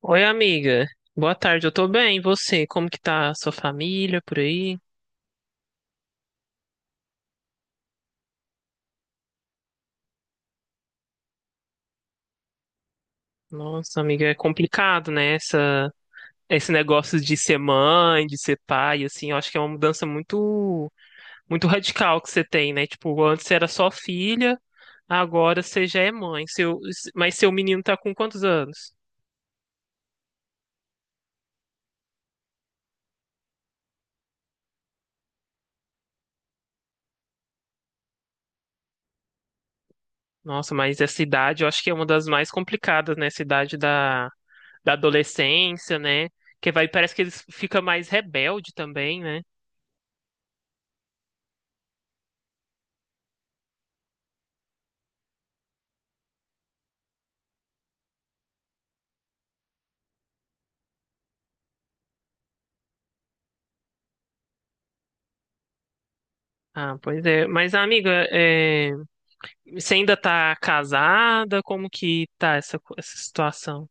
Oi, amiga. Boa tarde, eu tô bem. E você? Como que tá a sua família por aí? Nossa, amiga, é complicado, né? Esse negócio de ser mãe, de ser pai, assim, eu acho que é uma mudança muito, muito radical que você tem, né? Tipo, antes você era só filha, agora você já é mãe. Mas seu menino tá com quantos anos? Nossa, mas essa idade eu acho que é uma das mais complicadas, né? Essa idade da adolescência, né? Que vai, parece que eles ficam mais rebelde também, né? Ah, pois é. Mas, amiga, você ainda tá casada? Como que tá essa situação?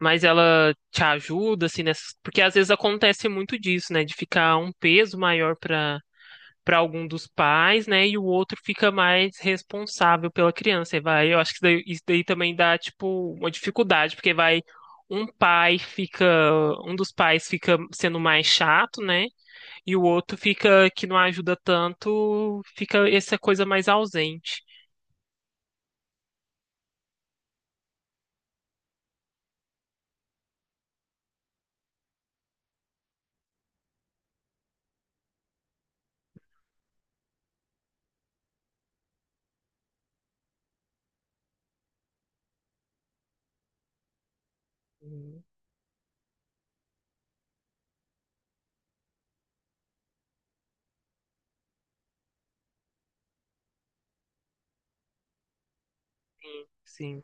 Mas ela te ajuda, assim, nessas. Porque às vezes acontece muito disso, né? De ficar um peso maior para algum dos pais, né? E o outro fica mais responsável pela criança. E vai, eu acho que isso daí também dá, tipo, uma dificuldade, porque vai, um pai fica, um dos pais fica sendo mais chato, né? E o outro fica, que não ajuda tanto, fica essa coisa mais ausente. Sim, sim.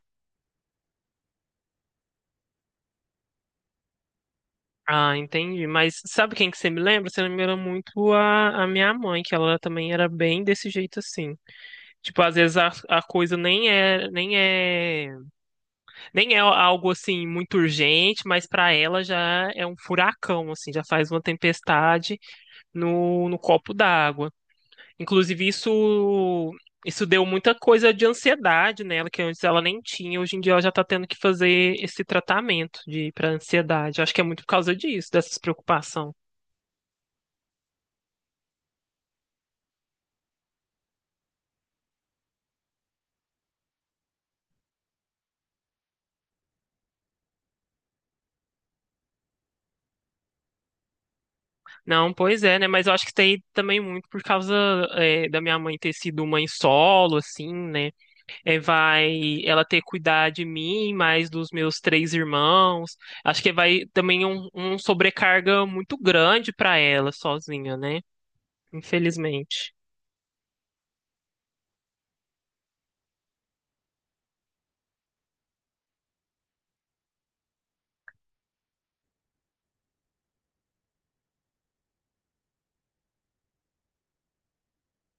Ah, entendi. Mas sabe quem que você me lembra? Você lembra muito a minha mãe, que ela também era bem desse jeito assim. Tipo, às vezes a coisa nem é algo assim muito urgente, mas pra ela já é um furacão, assim, já faz uma tempestade no copo d'água. Inclusive, isso deu muita coisa de ansiedade nela, que antes ela nem tinha. Hoje em dia ela já tá tendo que fazer esse tratamento de para ansiedade. Acho que é muito por causa disso, dessas preocupação. Não, pois é, né? Mas eu acho que tem também é muito por causa da minha mãe ter sido mãe solo, assim, né? É, vai ela ter que cuidar de mim, mais dos meus três irmãos. Acho que vai também um sobrecarga muito grande para ela sozinha, né? Infelizmente.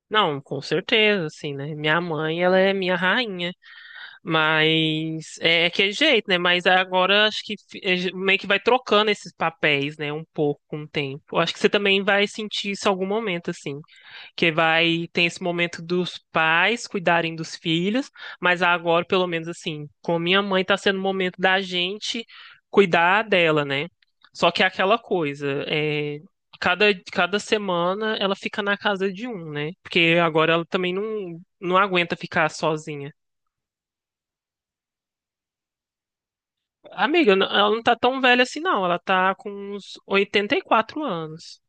Não, com certeza, assim, né? Minha mãe, ela é minha rainha, mas é aquele jeito, né? Mas agora acho que é meio que vai trocando esses papéis, né? Um pouco com o tempo. Acho que você também vai sentir isso em algum momento, assim, que vai tem esse momento dos pais cuidarem dos filhos, mas agora, pelo menos assim, com minha mãe tá sendo o momento da gente cuidar dela, né? Só que é aquela coisa, cada, cada semana ela fica na casa de um, né? Porque agora ela também não aguenta ficar sozinha. Amiga, eu ela não tá tão velha assim, não. Ela tá com uns 84 anos.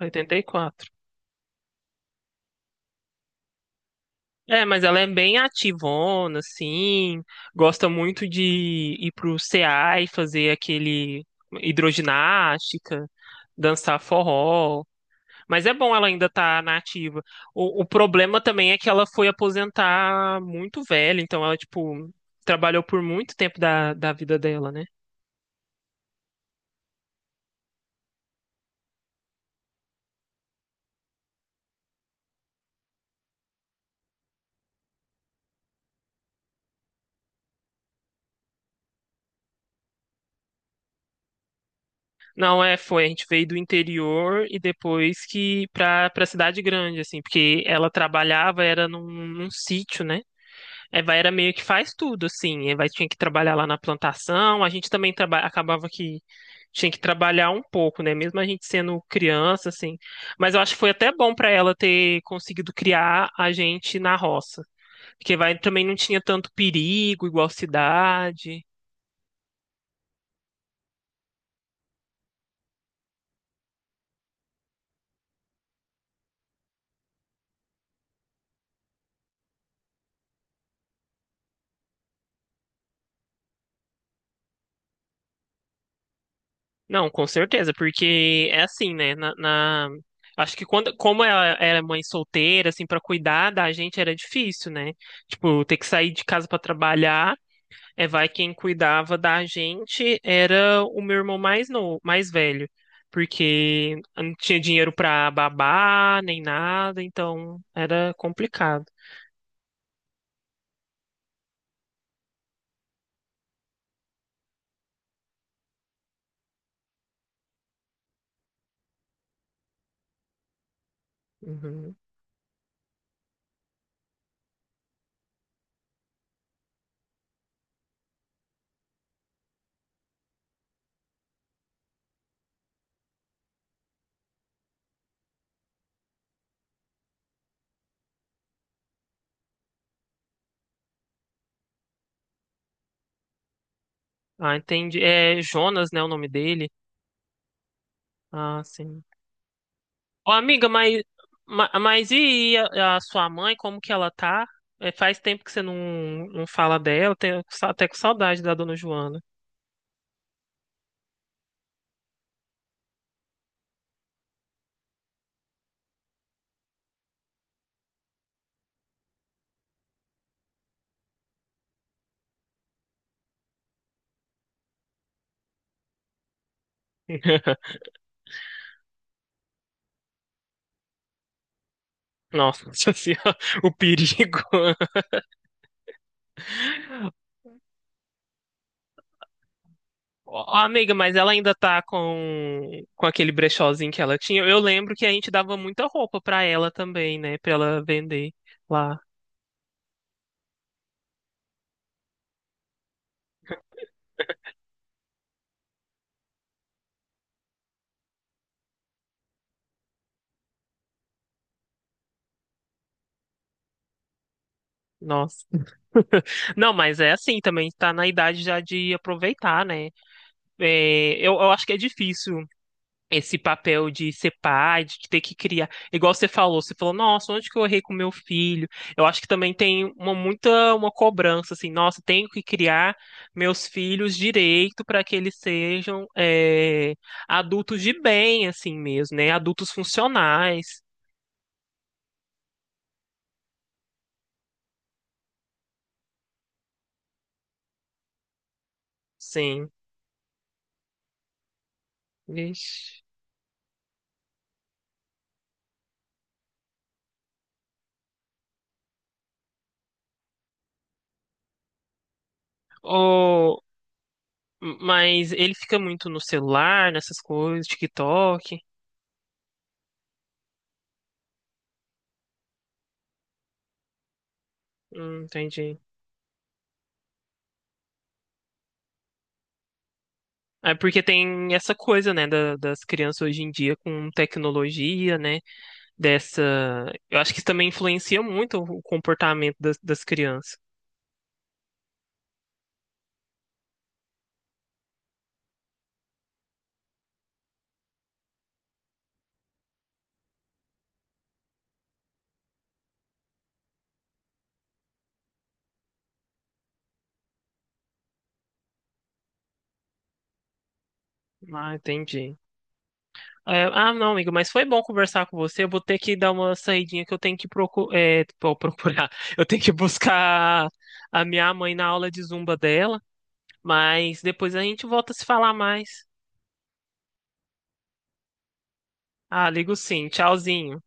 84. É, mas ela é bem ativona, assim, gosta muito de ir pro CA e fazer aquele hidroginástica, dançar forró. Mas é bom ela ainda estar na ativa. O problema também é que ela foi aposentar muito velha, então ela, tipo, trabalhou por muito tempo da vida dela, né? Não, é, foi, a gente veio do interior e depois que pra cidade grande, assim, porque ela trabalhava, era num sítio, né? Eva era meio que faz tudo, assim. Eva tinha que trabalhar lá na plantação. A gente também acabava que tinha que trabalhar um pouco, né? Mesmo a gente sendo criança, assim. Mas eu acho que foi até bom para ela ter conseguido criar a gente na roça, porque vai também não tinha tanto perigo, igual cidade. Não, com certeza, porque é assim, né? Acho que quando, como ela era mãe solteira, assim, para cuidar da gente era difícil, né? Tipo, ter que sair de casa para trabalhar. É, vai quem cuidava da gente era o meu irmão mais novo, mais velho, porque não tinha dinheiro pra babar nem nada, então era complicado. Uhum. Ah, entendi. É Jonas, né, o nome dele? Ah, sim. Ô, amiga, mas, mas e a sua mãe, como que ela tá? É, faz tempo que você não fala dela, tenho até com saudade da dona Joana. Nossa senhora, o perigo. Ó, amiga, mas ela ainda tá com aquele brechózinho que ela tinha. Eu lembro que a gente dava muita roupa pra ela também, né? Pra ela vender lá. Nossa. Não, mas é assim também, tá na idade já de aproveitar, né? É, eu acho que é difícil esse papel de ser pai, de ter que criar. Igual você falou, nossa, onde que eu errei com meu filho? Eu acho que também tem uma muita uma cobrança assim, nossa, tenho que criar meus filhos direito para que eles sejam adultos de bem, assim mesmo, né? Adultos funcionais, sim. Vixe. Oh, mas ele fica muito no celular, nessas coisas, TikTok. Entendi. É porque tem essa coisa, né, da- das, crianças hoje em dia com tecnologia, né, dessa. Eu acho que isso também influencia muito o comportamento das crianças. Ah, entendi. É, ah, não, amigo, mas foi bom conversar com você. Eu vou ter que dar uma saidinha que eu tenho que pô, procurar. Eu tenho que buscar a minha mãe na aula de zumba dela, mas depois a gente volta a se falar mais. Ah, ligo sim. Tchauzinho.